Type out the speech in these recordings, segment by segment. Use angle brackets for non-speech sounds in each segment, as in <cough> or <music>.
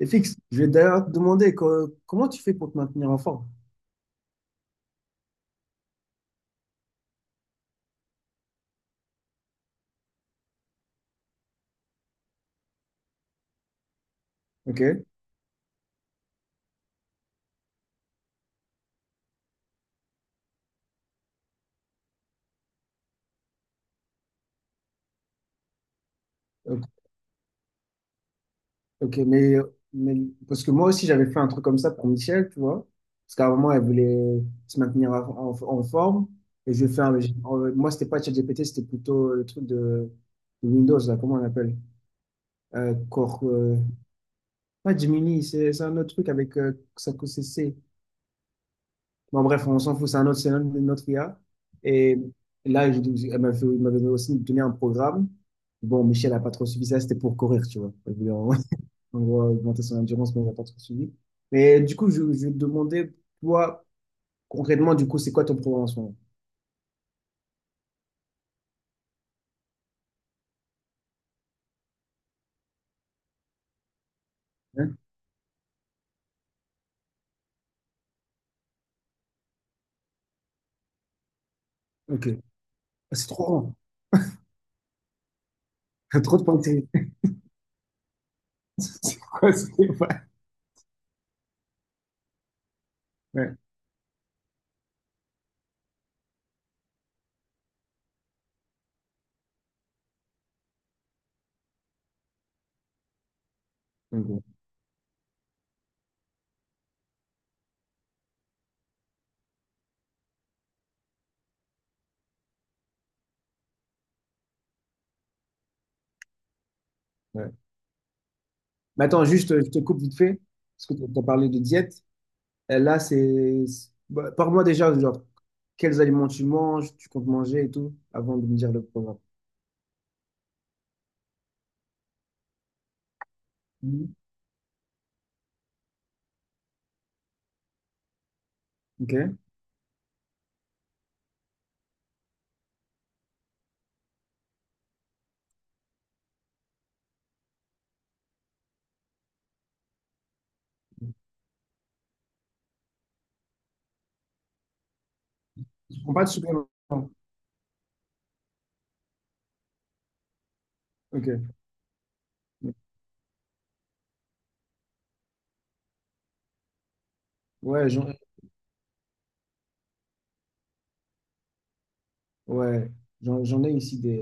Et fixe, je vais d'ailleurs te demander comment tu fais pour te maintenir en forme. Ok, ok, ok, mais parce que moi aussi j'avais fait un truc comme ça pour Michel, tu vois, parce qu'à un moment elle voulait se maintenir en forme et je vais faire le, moi c'était pas ChatGPT, c'était plutôt le truc de Windows là, comment on l'appelle? Core, pas Gemini, c'est un autre truc avec ça que c'est. Bon, bref, on s'en fout, c'est un autre, c'est une autre IA. Et là, elle elle m'avait aussi donné un programme. Bon, Michel n'a pas trop suivi ça, c'était pour courir, tu vois. Elle voulait en, <laughs> en gros augmenter son endurance, mais elle n'a pas trop suivi. Mais du coup, je vais te demander, toi, concrètement, du coup, c'est quoi ton programme en ce moment? Hein. Ok. Ah, c'est trop grand. <laughs> Trop de pensées. <laughs> Quoi, c'est pas- ouais. Donc, bon, ouais. Mais attends, juste, je te coupe vite fait, parce que tu as parlé de diète. Et là, bah, parle-moi déjà, genre, quels aliments tu manges, tu comptes manger et tout, avant de me dire le programme. Mhm. Ok. Tu prends pas de suppléments. Ok. Ouais, ouais, j'en ai ici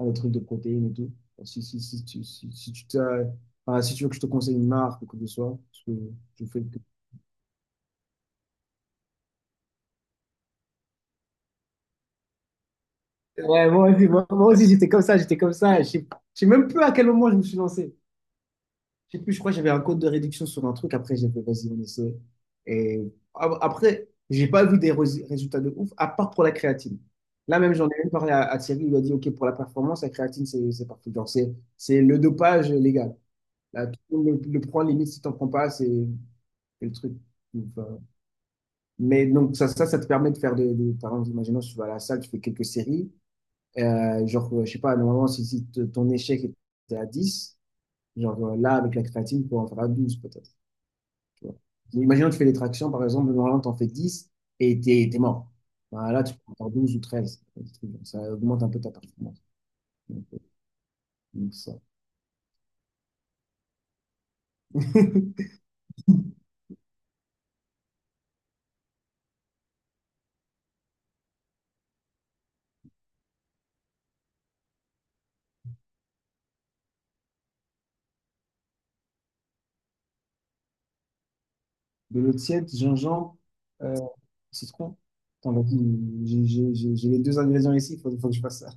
des trucs de protéines et tout. Enfin, Si, si, si, tu- si, si, tu enfin, si tu veux que je te conseille une marque ou quoi que ce soit, parce que je fais... Ouais, moi aussi, moi aussi j'étais comme ça, j'étais comme ça. Je sais même plus à quel moment je me suis lancé. Je sais plus, je crois que j'avais un code de réduction sur un truc. Après, j'ai fait, vas-y, on essaie. Et après, j'ai pas vu des résultats de ouf, à part pour la créatine. Là même, j'en ai même parlé à Thierry. Il lui a dit, OK, pour la performance, la créatine, c'est parfait. Genre, c'est le dopage légal. Là, tout le monde le prend, limite, si t'en prends pas, c'est le truc. Donc, mais donc, ça te permet de faire par exemple, imaginons, tu vas à la salle, tu fais quelques séries. Je sais pas, normalement, si ton échec était à dix, là, avec la créatine, tu peux en faire à 12 peut-être, tu vois. Imaginons, tu fais des tractions, par exemple, normalement, tu en fais 10 et t'es mort. Bah, là, tu peux en faire 12 ou 13. Des trucs comme ça augmente un peu ta performance. Donc, euh, donc ça. <laughs> De l'eau tiède, gingembre, euh, citron. Attends, vas-y, j'ai les deux ingrédients ici, il faut, faut que je fasse ça.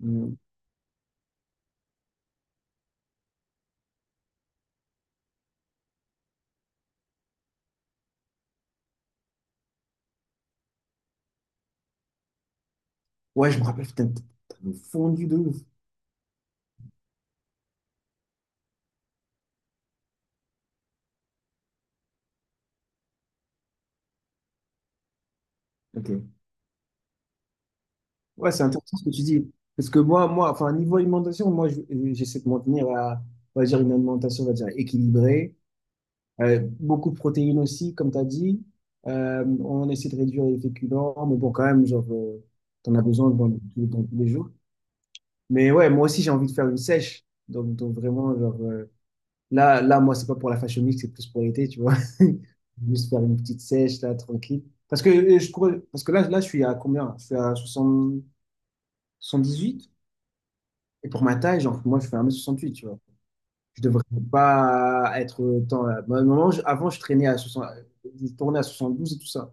Hum. Ouais, je me rappelle, putain, t'as fondu de ouf. Ok. Ouais, c'est intéressant ce que tu dis. Parce que enfin, niveau alimentation, j'essaie de maintenir à, on va dire, une alimentation, on va dire, équilibrée. Beaucoup de protéines aussi, comme tu as dit. On essaie de réduire les féculents, mais bon, quand même, t'en as besoin tous dans tous les jours. Mais ouais, moi aussi, j'ai envie de faire une sèche. Donc vraiment, là, moi, c'est pas pour la fashion week, c'est plus pour l'été, tu vois. <laughs> Juste faire une petite sèche, là, tranquille. Parce que, parce que là, je suis à combien? Je suis à 70, 78. Et pour ma taille, genre, moi, je fais 1 m 68, tu vois. Je devrais pas être autant là. Moi, à un moment, avant, je traînais à 60, je tournais à 72 et tout ça.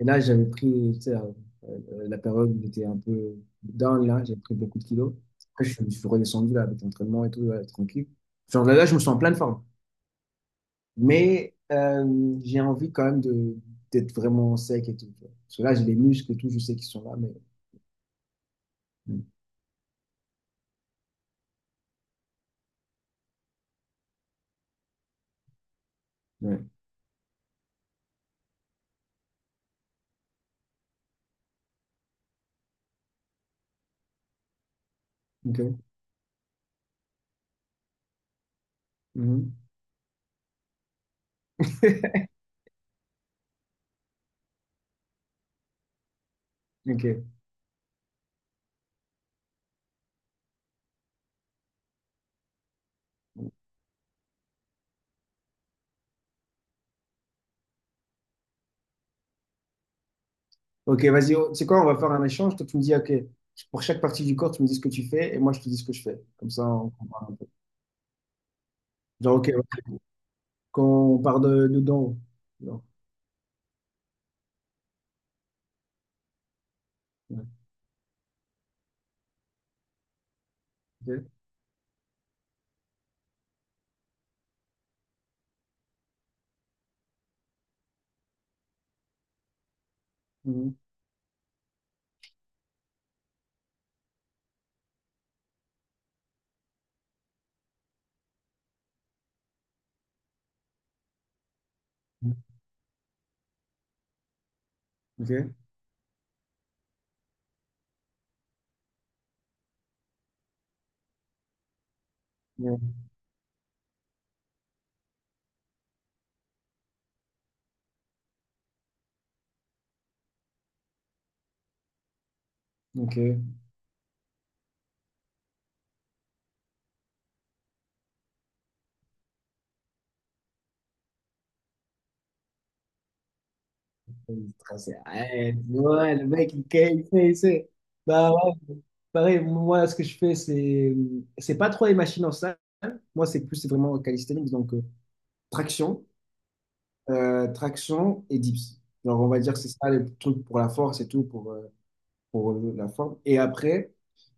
Et là, j'avais pris, tu sais, la période où j'étais un peu down, là, j'ai pris beaucoup de kilos. Après, je suis redescendu, là, avec l'entraînement et tout, là, tranquille. Genre, là, je me sens en pleine forme. Mais j'ai envie quand même de d'être vraiment sec et tout, tu vois. Parce que là, j'ai les muscles et tout, je sais qu'ils sont là, mais... Mm. Ouais. OK. Mhm. <laughs> OK. Ok, vas-y, oh, tu sais quoi, on va faire un échange. Toi, tu me dis, ok, pour chaque partie du corps, tu me dis ce que tu fais et moi, je te dis ce que je fais. Comme ça, on comprend un peu. Genre, ok, ouais. Quand on part de dents. Non. Ouais. Ok. Mhm. Ok. Ouais. Ok. Ouais, ouais, le mec, il fait, il sait. Bah ouais, pareil, moi, ce que je fais, c'est pas trop les machines en salle. Moi, c'est plus c'est vraiment calisthenics, donc traction, traction et dips. Alors, on va dire que c'est ça les trucs pour la force et tout, pour la forme. Et après,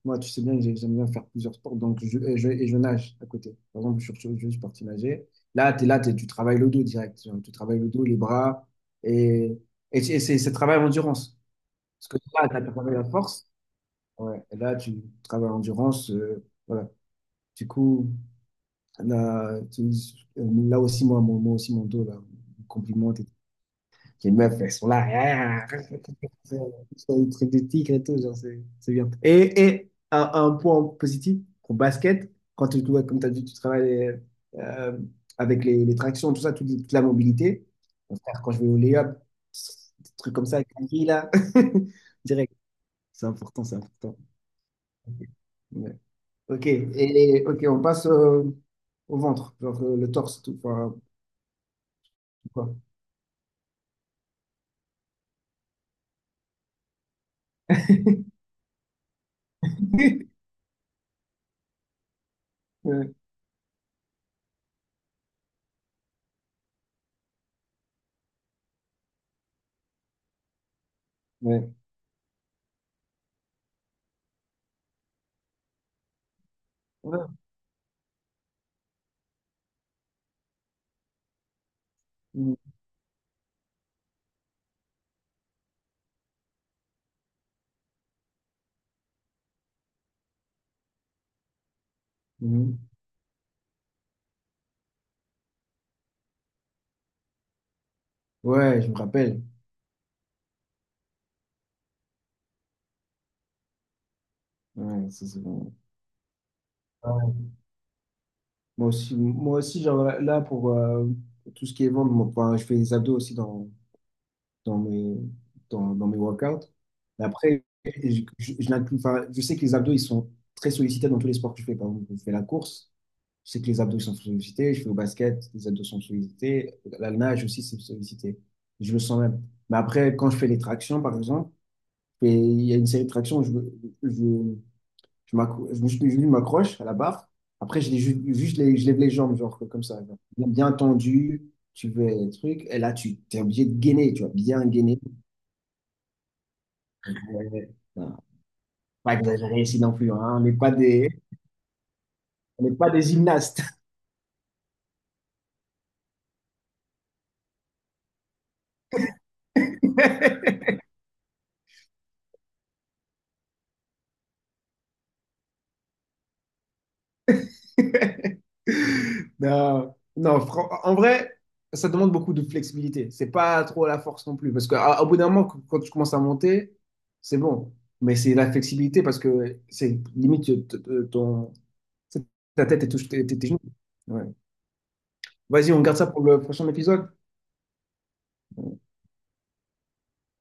moi, tu sais bien que j'aime bien faire plusieurs sports, donc et je nage à côté. Par exemple, je suis parti nager. Là, tu travailles le dos direct. Genre, tu travailles le dos, les bras, et, et c'est c'est travail en endurance. Parce que là, tu as travaillé la force, ouais. Et là, tu travailles l'endurance, voilà. Du coup, là, tu- là aussi, moi aussi, mon dos, là, compliment les meufs, elles sont là. Ah, ils truc de tigre et tout, genre, c'est bien. Et un point positif au basket, quand tu, ouais, comme tu as dit, tu travailles euh, avec les tractions, tout ça, toute la mobilité. Mon frère, quand je vais au layup, des trucs comme ça, avec la fille, là, <laughs> direct. C'est important, c'est important. Ouais. Ok, ok, on passe au ventre, genre, le torse, tout, enfin, tout quoi. <laughs> Ouais, ouais. Ouais. Mhm. Ouais, je me rappelle. Ouais, ça, c'est bon. Ouais. Moi aussi, genre, pour tout ce qui est ventre, moi, enfin, je fais des abdos aussi dans mes, dans mes workouts. Mais après, je enfin, je sais que les abdos, ils sont très sollicités dans tous les sports que je fais. Par exemple, je fais la course, je sais que les abdos ils sont sollicités. Je fais au basket, les abdos sont sollicités. La nage aussi, c'est sollicité. Je le sens même. Mais après, quand je fais les tractions, par exemple, il y a une série de tractions, je, je je m'accroche à la barre. Après, juste, je lève les jambes, genre comme ça, genre. Bien tendu, tu veux truc. Et là, tu es obligé de gainer, tu vois, bien gainer. Euh, non, pas exagéré ici non plus, hein. On n'est pas des, on n'est pas des gymnastes. <laughs> Non, non, en vrai, ça demande beaucoup de flexibilité. C'est pas trop la force non plus. Parce qu'au bout d'un moment, quand tu commences à monter, c'est bon. Mais c'est la flexibilité parce que c'est limite ton, ta tête et touche tes genoux. Ouais. Vas-y, on garde ça pour le prochain épisode.